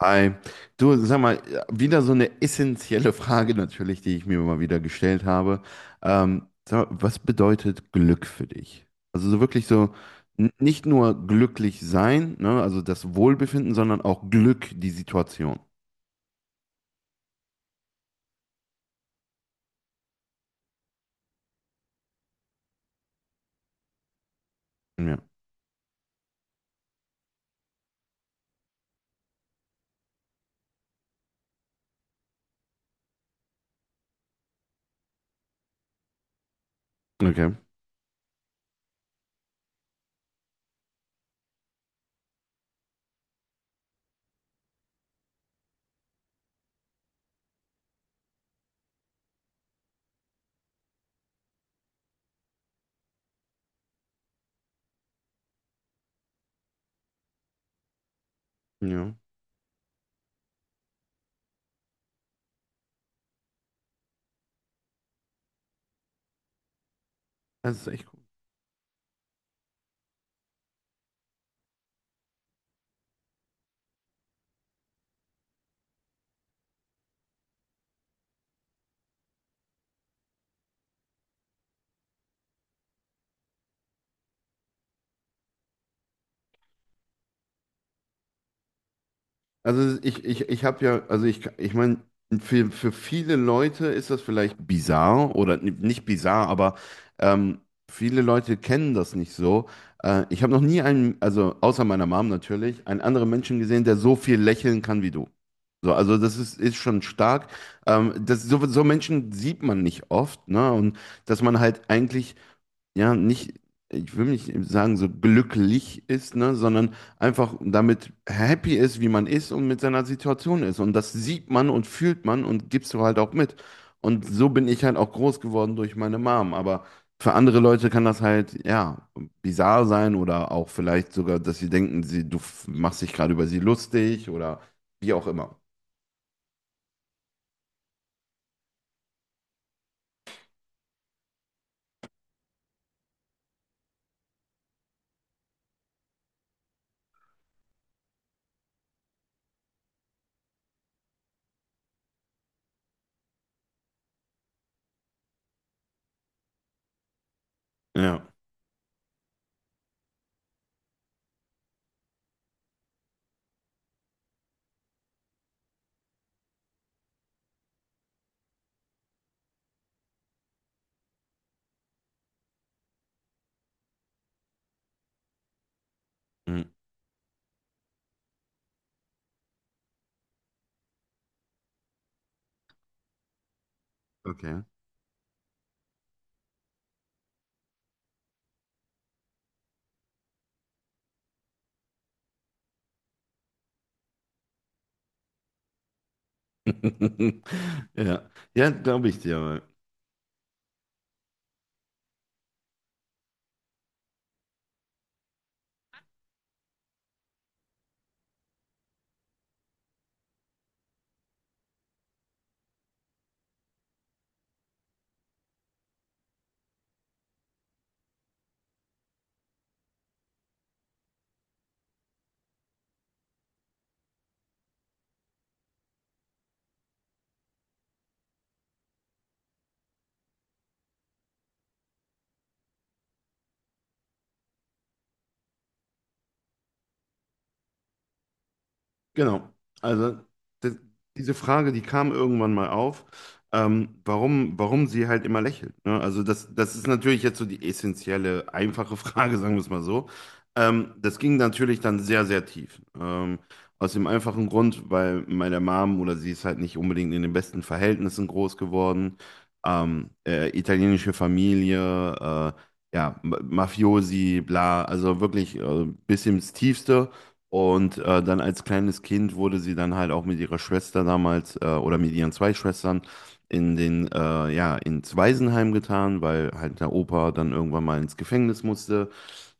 Hi. Du, sag mal, wieder so eine essentielle Frage natürlich, die ich mir mal wieder gestellt habe. Sag mal, was bedeutet Glück für dich? Also so wirklich so nicht nur glücklich sein, ne, also das Wohlbefinden, sondern auch Glück, die Situation. Ja. Okay. Ja. Das ist echt. Also ich habe ja, also ich meine, für viele Leute ist das vielleicht bizarr oder nicht bizarr, aber ähm, viele Leute kennen das nicht so. Ich habe noch nie einen, also außer meiner Mom natürlich, einen anderen Menschen gesehen, der so viel lächeln kann wie du. So, also ist schon stark. Das, so, so Menschen sieht man nicht oft, ne? Und dass man halt eigentlich, ja, nicht, ich will nicht sagen, so glücklich ist, ne, sondern einfach damit happy ist, wie man ist und mit seiner Situation ist. Und das sieht man und fühlt man und gibst du halt auch mit. Und so bin ich halt auch groß geworden durch meine Mom. Aber für andere Leute kann das halt, ja, bizarr sein oder auch vielleicht sogar, dass sie denken, sie, du machst dich gerade über sie lustig oder wie auch immer. Ja. Mhm. Okay. Ja, ja, glaube ich dir. Genau. Also das, diese Frage, die kam irgendwann mal auf, warum, warum sie halt immer lächelt. Ne? Also das, das ist natürlich jetzt so die essentielle, einfache Frage, sagen wir es mal so. Das ging natürlich dann sehr, sehr tief. Aus dem einfachen Grund, weil meine Mom oder sie ist halt nicht unbedingt in den besten Verhältnissen groß geworden. Italienische Familie, äh, ja, Mafiosi, bla, also wirklich bis ins Tiefste. Und dann als kleines Kind wurde sie dann halt auch mit ihrer Schwester damals oder mit ihren zwei Schwestern in den, ja, ins Waisenheim getan, weil halt der Opa dann irgendwann mal ins Gefängnis musste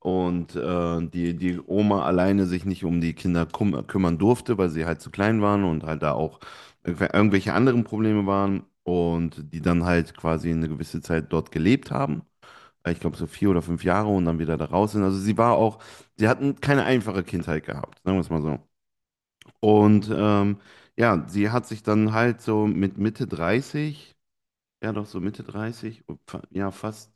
und die, die Oma alleine sich nicht um die Kinder kum kümmern durfte, weil sie halt zu klein waren und halt da auch irgendwelche anderen Probleme waren und die dann halt quasi eine gewisse Zeit dort gelebt haben. Ich glaube, so 4 oder 5 Jahre, und dann wieder da raus sind. Also sie war auch, sie hatten keine einfache Kindheit gehabt, sagen wir es mal so. Und ja, sie hat sich dann halt so mit Mitte 30, ja doch so Mitte 30, ja fast,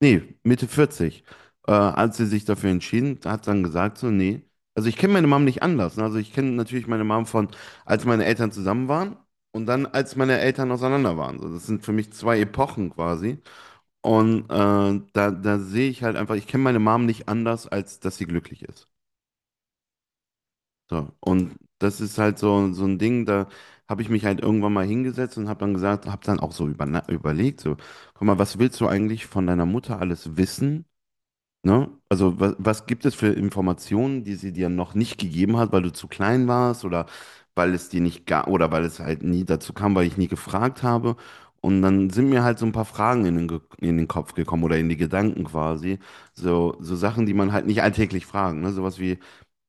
nee, Mitte 40, als sie sich dafür entschieden, hat dann gesagt so, nee, also ich kenne meine Mom nicht anders. Ne? Also ich kenne natürlich meine Mom von, als meine Eltern zusammen waren und dann, als meine Eltern auseinander waren. So, das sind für mich zwei Epochen quasi. Und da, da sehe ich halt einfach, ich kenne meine Mom nicht anders, als dass sie glücklich ist. So. Und das ist halt so, so ein Ding, da habe ich mich halt irgendwann mal hingesetzt und habe dann gesagt, habe dann auch so überlegt, so, guck mal, was willst du eigentlich von deiner Mutter alles wissen? Ne? Also was, was gibt es für Informationen, die sie dir noch nicht gegeben hat, weil du zu klein warst oder weil es dir nicht gab oder weil es halt nie dazu kam, weil ich nie gefragt habe. Und dann sind mir halt so ein paar Fragen in den, in den Kopf gekommen oder in die Gedanken quasi. So, so Sachen, die man halt nicht alltäglich fragen. Ne? Sowas wie,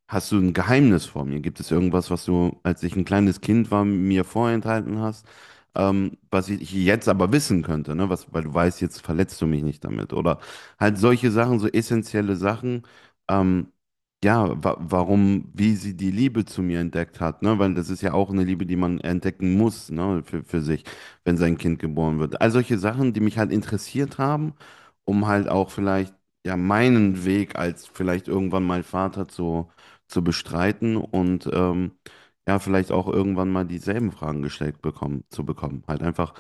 hast du ein Geheimnis vor mir? Gibt es irgendwas, was du, als ich ein kleines Kind war, mir vorenthalten hast, was ich jetzt aber wissen könnte, ne? Was, weil du weißt, jetzt verletzt du mich nicht damit. Oder halt solche Sachen, so essentielle Sachen, ähm, ja, wa warum, wie sie die Liebe zu mir entdeckt hat, ne? Weil das ist ja auch eine Liebe, die man entdecken muss, ne? Für sich, wenn sein Kind geboren wird. All solche Sachen, die mich halt interessiert haben, um halt auch vielleicht, ja, meinen Weg als vielleicht irgendwann mal Vater zu bestreiten und ja, vielleicht auch irgendwann mal dieselben Fragen zu bekommen. Halt einfach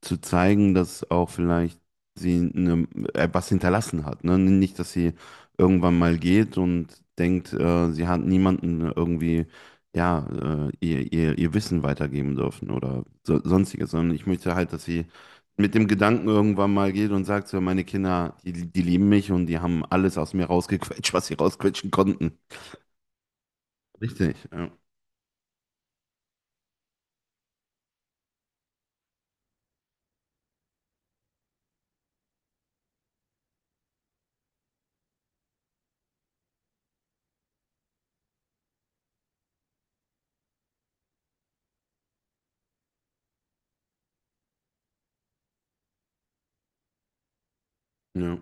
zu zeigen, dass auch vielleicht sie eine, was hinterlassen hat. Ne? Nicht, dass sie irgendwann mal geht und denkt, sie hat niemanden irgendwie, ja, ihr Wissen weitergeben dürfen oder so, sonstiges, sondern ich möchte halt, dass sie mit dem Gedanken irgendwann mal geht und sagt so, meine Kinder, die, die lieben mich und die haben alles aus mir rausgequetscht, was sie rausquetschen konnten. Richtig, ja. Ja,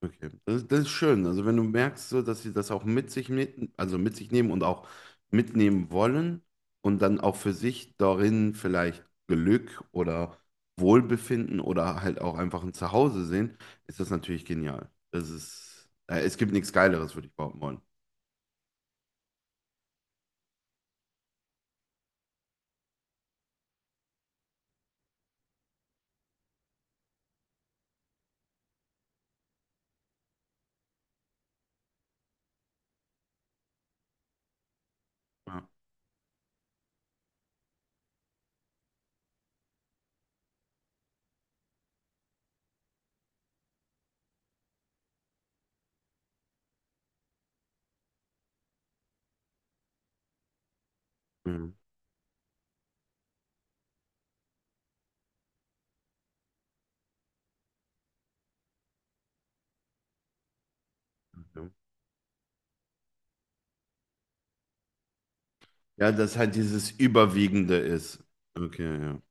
okay. Das, das ist schön. Also wenn du merkst, so, dass sie das auch also mit sich nehmen und auch mitnehmen wollen und dann auch für sich darin vielleicht Glück oder Wohlbefinden oder halt auch einfach ein Zuhause sehen, ist das natürlich genial. Das ist, es gibt nichts Geileres, würde ich behaupten wollen. Ja, ja, ja. Ja, dass halt dieses Überwiegende ist. Okay, ja.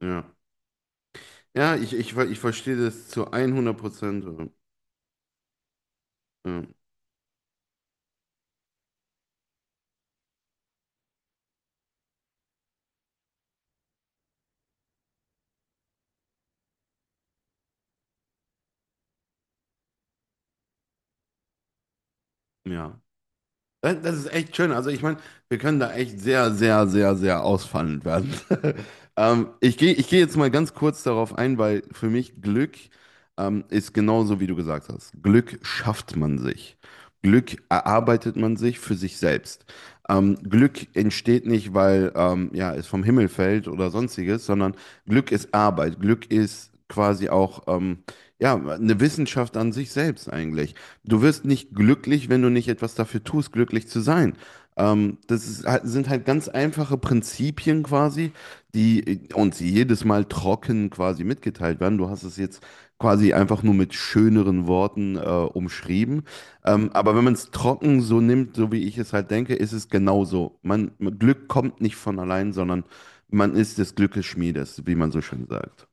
Ja, ja ich verstehe das zu 100%. Ja. Ja. Das das ist echt schön. Also ich meine, wir können da echt sehr, sehr, sehr, sehr ausfallend werden. Ich geh jetzt mal ganz kurz darauf ein, weil für mich Glück ist genauso, wie du gesagt hast. Glück schafft man sich. Glück erarbeitet man sich für sich selbst. Glück entsteht nicht, weil ja, es vom Himmel fällt oder sonstiges, sondern Glück ist Arbeit. Glück ist quasi auch... ja, eine Wissenschaft an sich selbst eigentlich. Du wirst nicht glücklich, wenn du nicht etwas dafür tust, glücklich zu sein. Das ist, sind halt ganz einfache Prinzipien quasi, die uns jedes Mal trocken quasi mitgeteilt werden. Du hast es jetzt quasi einfach nur mit schöneren Worten umschrieben. Aber wenn man es trocken so nimmt, so wie ich es halt denke, ist es genauso. Man, Glück kommt nicht von allein, sondern man ist des Glückes Schmiedes, wie man so schön sagt.